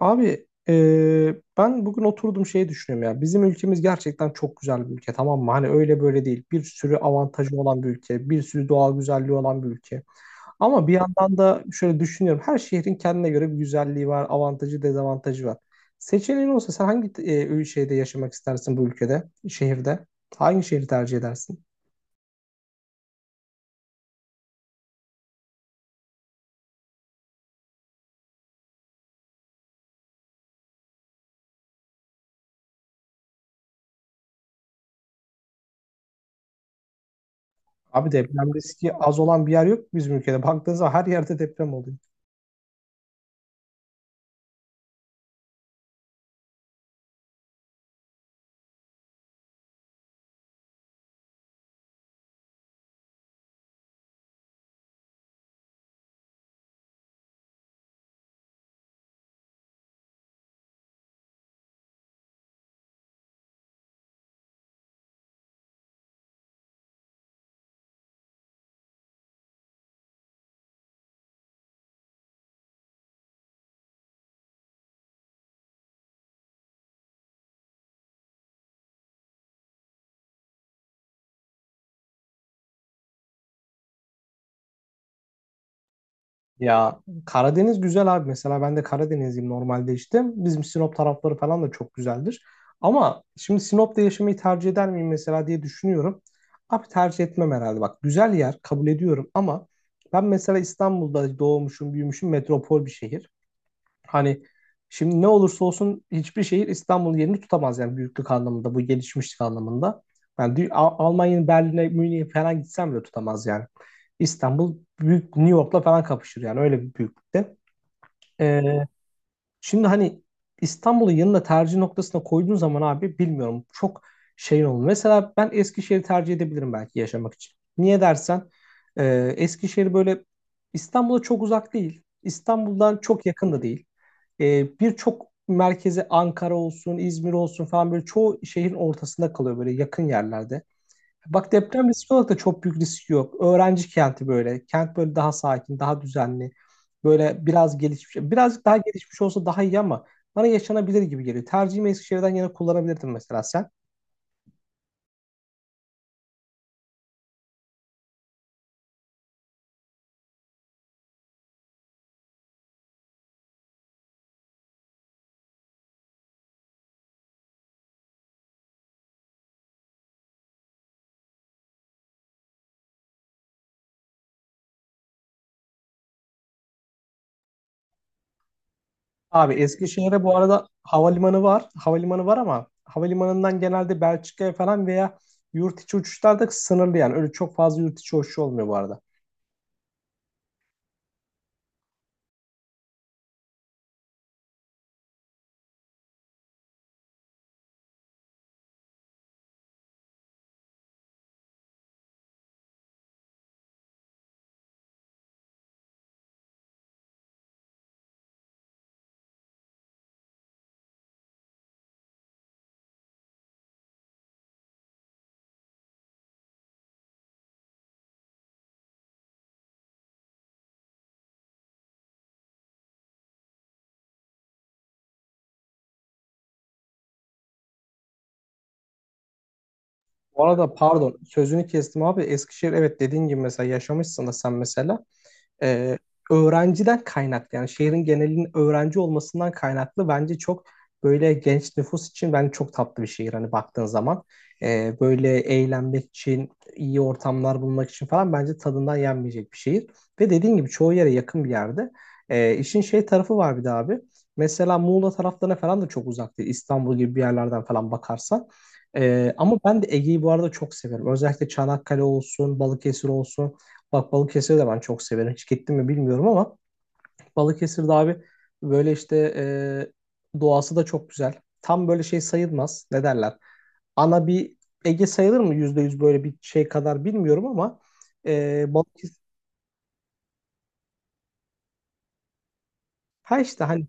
Abi ben bugün oturdum şeyi düşünüyorum ya. Bizim ülkemiz gerçekten çok güzel bir ülke, tamam mı? Hani öyle böyle değil. Bir sürü avantajı olan bir ülke. Bir sürü doğal güzelliği olan bir ülke. Ama bir yandan da şöyle düşünüyorum. Her şehrin kendine göre bir güzelliği var. Avantajı, dezavantajı var. Seçeneğin olsa sen hangi şeyde yaşamak istersin bu ülkede? Şehirde? Hangi şehri tercih edersin? Abi deprem riski az olan bir yer yok bizim ülkede. Baktığınız zaman her yerde deprem oluyor. Ya, Karadeniz güzel abi. Mesela ben de Karadenizliyim normalde işte. Bizim Sinop tarafları falan da çok güzeldir. Ama şimdi Sinop'ta yaşamayı tercih eder miyim mesela diye düşünüyorum. Abi tercih etmem herhalde. Bak, güzel yer kabul ediyorum ama ben mesela İstanbul'da doğmuşum, büyümüşüm, metropol bir şehir. Hani şimdi ne olursa olsun hiçbir şehir İstanbul'un yerini tutamaz yani, büyüklük anlamında, bu gelişmişlik anlamında. Yani Almanya'nın Berlin'e, Münih'e falan gitsem bile tutamaz yani. İstanbul büyük, New York'la falan kapışır yani, öyle bir büyüklükte. Ee, Şimdi hani İstanbul'u yanına tercih noktasına koyduğun zaman abi bilmiyorum, çok şeyin olur. Mesela ben Eskişehir'i tercih edebilirim belki yaşamak için. Niye dersen, e, Eskişehir böyle İstanbul'a çok uzak değil. İstanbul'dan çok yakın da değil. E, birçok merkezi Ankara olsun, İzmir olsun falan, böyle çoğu şehrin ortasında kalıyor böyle, yakın yerlerde. Bak, deprem riski olarak da çok büyük risk yok. Öğrenci kenti böyle. Kent böyle daha sakin, daha düzenli. Böyle biraz gelişmiş. Birazcık daha gelişmiş olsa daha iyi ama bana yaşanabilir gibi geliyor. Tercihimi Eskişehir'den yana kullanabilirdim mesela sen. Abi Eskişehir'e bu arada havalimanı var. Havalimanı var ama havalimanından genelde Belçika'ya falan veya yurt içi uçuşlar da sınırlı yani. Öyle çok fazla yurt içi uçuşu olmuyor bu arada. Bu arada pardon sözünü kestim abi. Eskişehir, evet, dediğin gibi mesela yaşamışsın da sen mesela e, öğrenciden kaynaklı, yani şehrin genelinin öğrenci olmasından kaynaklı bence çok böyle genç nüfus için bence çok tatlı bir şehir hani, baktığın zaman. E, böyle eğlenmek için, iyi ortamlar bulmak için falan bence tadından yenmeyecek bir şehir. Ve dediğin gibi çoğu yere yakın bir yerde. E, işin şey tarafı var bir de abi. Mesela Muğla taraflarına falan da çok uzak değil. İstanbul gibi bir yerlerden falan bakarsan. E, ama ben de Ege'yi bu arada çok severim. Özellikle Çanakkale olsun, Balıkesir olsun. Bak Balıkesir'i de ben çok severim. Hiç gittim mi bilmiyorum ama Balıkesir'de abi böyle işte, doğası da çok güzel. Tam böyle şey sayılmaz. Ne derler? Ana bir Ege sayılır mı? Yüzde yüz böyle bir şey kadar bilmiyorum ama Balıkesir, ha işte hani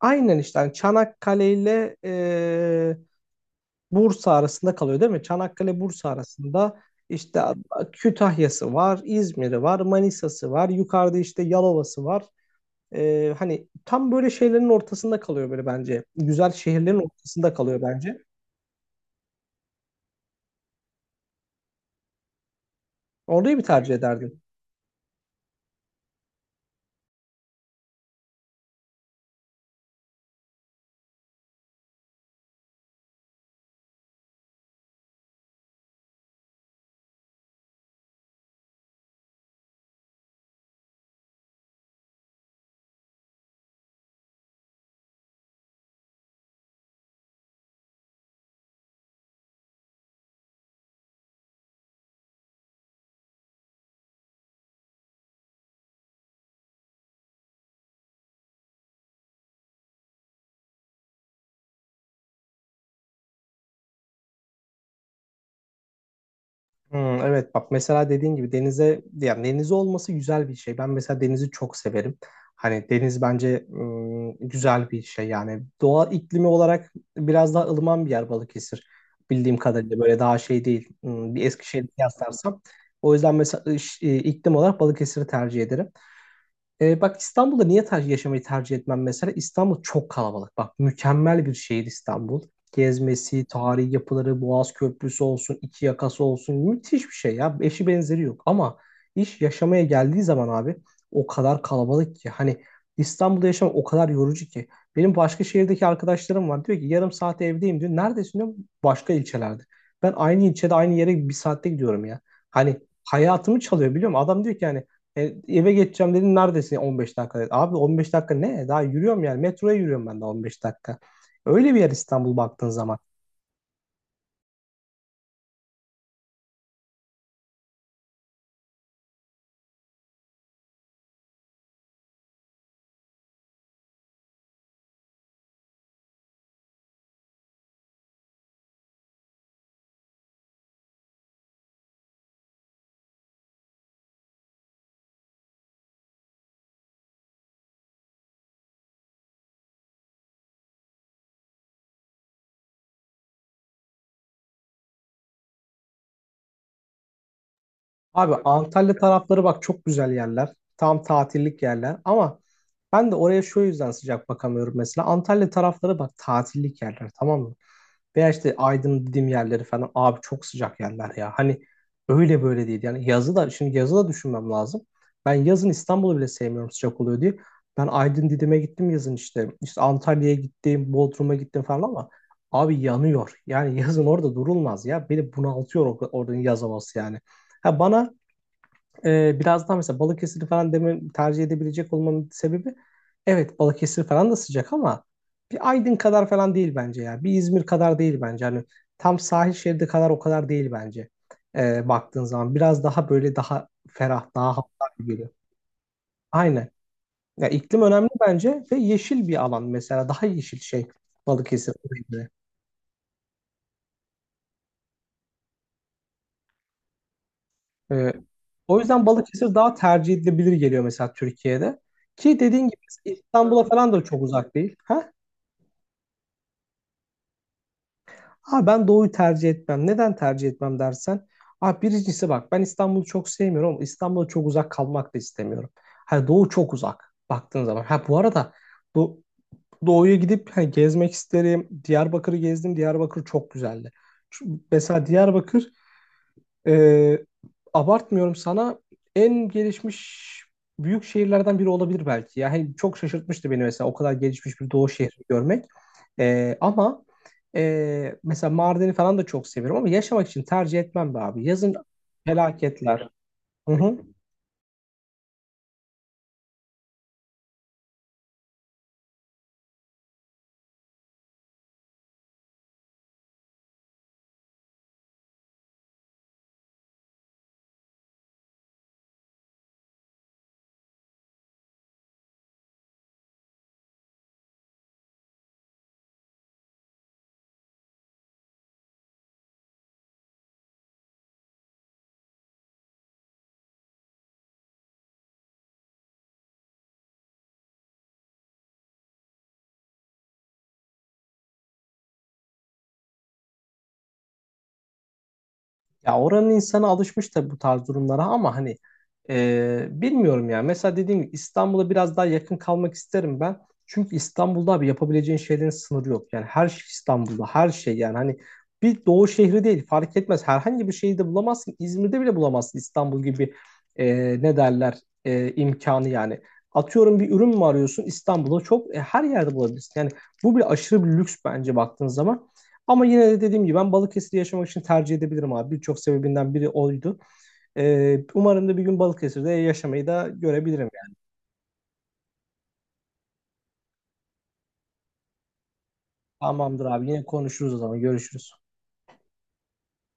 aynen, işte hani Çanakkale ile Bursa arasında kalıyor değil mi? Çanakkale Bursa arasında işte Kütahya'sı var, İzmir'i var, Manisa'sı var, yukarıda işte Yalova'sı var. Hani tam böyle şeylerin ortasında kalıyor böyle bence. Güzel şehirlerin ortasında kalıyor bence. Orayı bir tercih ederdim. Hmm, evet, bak mesela dediğin gibi denize, yani denize olması güzel bir şey. Ben mesela denizi çok severim. Hani deniz bence, hmm, güzel bir şey yani. Doğa iklimi olarak biraz daha ılıman bir yer Balıkesir. Bildiğim kadarıyla böyle daha şey değil. Hmm, bir Eskişehir'i kıyaslarsam. O yüzden mesela iklim olarak Balıkesir'i tercih ederim. E, bak İstanbul'da niye yaşamayı tercih etmem mesela? İstanbul çok kalabalık. Bak, mükemmel bir şehir İstanbul. Gezmesi, tarihi yapıları, Boğaz Köprüsü olsun, iki yakası olsun, müthiş bir şey ya. Eşi benzeri yok. Ama iş yaşamaya geldiği zaman abi, o kadar kalabalık ki. Hani İstanbul'da yaşamak o kadar yorucu ki. Benim başka şehirdeki arkadaşlarım var. Diyor ki yarım saat evdeyim diyor. Neredesin diyor. Başka ilçelerde. Ben aynı ilçede aynı yere bir saatte gidiyorum ya. Hani hayatımı çalıyor, biliyor musun? Adam diyor ki yani. E, eve geçeceğim dedin, neredesin, 15 dakika dedi. Abi 15 dakika ne? Daha yürüyorum yani, metroya yürüyorum ben de 15 dakika. Öyle bir yer İstanbul baktığın zaman. Abi Antalya tarafları bak çok güzel yerler. Tam tatillik yerler ama ben de oraya şu yüzden sıcak bakamıyorum mesela. Antalya tarafları bak tatillik yerler, tamam mı? Veya işte Aydın dediğim yerleri falan abi, çok sıcak yerler ya. Hani öyle böyle değil. Yani yazı da, şimdi yazı da düşünmem lazım. Ben yazın İstanbul'u bile sevmiyorum sıcak oluyor diye. Ben Aydın Didim'e gittim yazın işte. İşte Antalya'ya gittim, Bodrum'a gittim falan ama abi yanıyor. Yani yazın orada durulmaz ya. Beni bunaltıyor oranın yaz havası yani. Ha, bana biraz daha mesela Balıkesir falan demin tercih edebilecek olmamın sebebi, evet Balıkesir falan da sıcak ama bir Aydın kadar falan değil bence ya. Bir İzmir kadar değil bence. Hani tam sahil şeridi kadar o kadar değil bence. E, baktığın zaman biraz daha böyle daha ferah, daha hafif gibi geliyor. Aynen. Ya iklim önemli bence ve yeşil bir alan, mesela daha yeşil şey Balıkesir. E, o yüzden Balıkesir daha tercih edilebilir geliyor mesela Türkiye'de. Ki dediğin gibi İstanbul'a falan da çok uzak değil. Ha? Abi ben doğuyu tercih etmem. Neden tercih etmem dersen, ah birincisi bak ben İstanbul'u çok sevmiyorum ama İstanbul'a çok uzak kalmak da istemiyorum. Ha, doğu çok uzak baktığın zaman. Ha bu arada do doğuya gidip hani gezmek isterim. Diyarbakır'ı gezdim. Diyarbakır çok güzeldi. Mesela Diyarbakır ee, abartmıyorum sana, en gelişmiş büyük şehirlerden biri olabilir belki. Yani çok şaşırtmıştı beni mesela o kadar gelişmiş bir doğu şehri görmek. Ama mesela Mardin'i falan da çok seviyorum ama yaşamak için tercih etmem be abi. Yazın felaketler. Hı hı. Ya oranın insanı alışmış tabii bu tarz durumlara ama hani bilmiyorum ya. Mesela dediğim gibi İstanbul'a biraz daha yakın kalmak isterim ben. Çünkü İstanbul'da abi yapabileceğin şeylerin sınırı yok. Yani her şey İstanbul'da, her şey yani, hani bir doğu şehri değil, fark etmez. Herhangi bir şehirde bulamazsın. İzmir'de bile bulamazsın İstanbul gibi, e, ne derler, imkanı yani. Atıyorum bir ürün mü arıyorsun, İstanbul'da çok, her yerde bulabilirsin. Yani bu bile aşırı bir lüks bence baktığın zaman. Ama yine de dediğim gibi ben Balıkesir'i yaşamak için tercih edebilirim abi. Birçok sebebinden biri oydu. Umarım da bir gün Balıkesir'de yaşamayı da görebilirim yani. Tamamdır abi, yine konuşuruz o zaman, görüşürüz.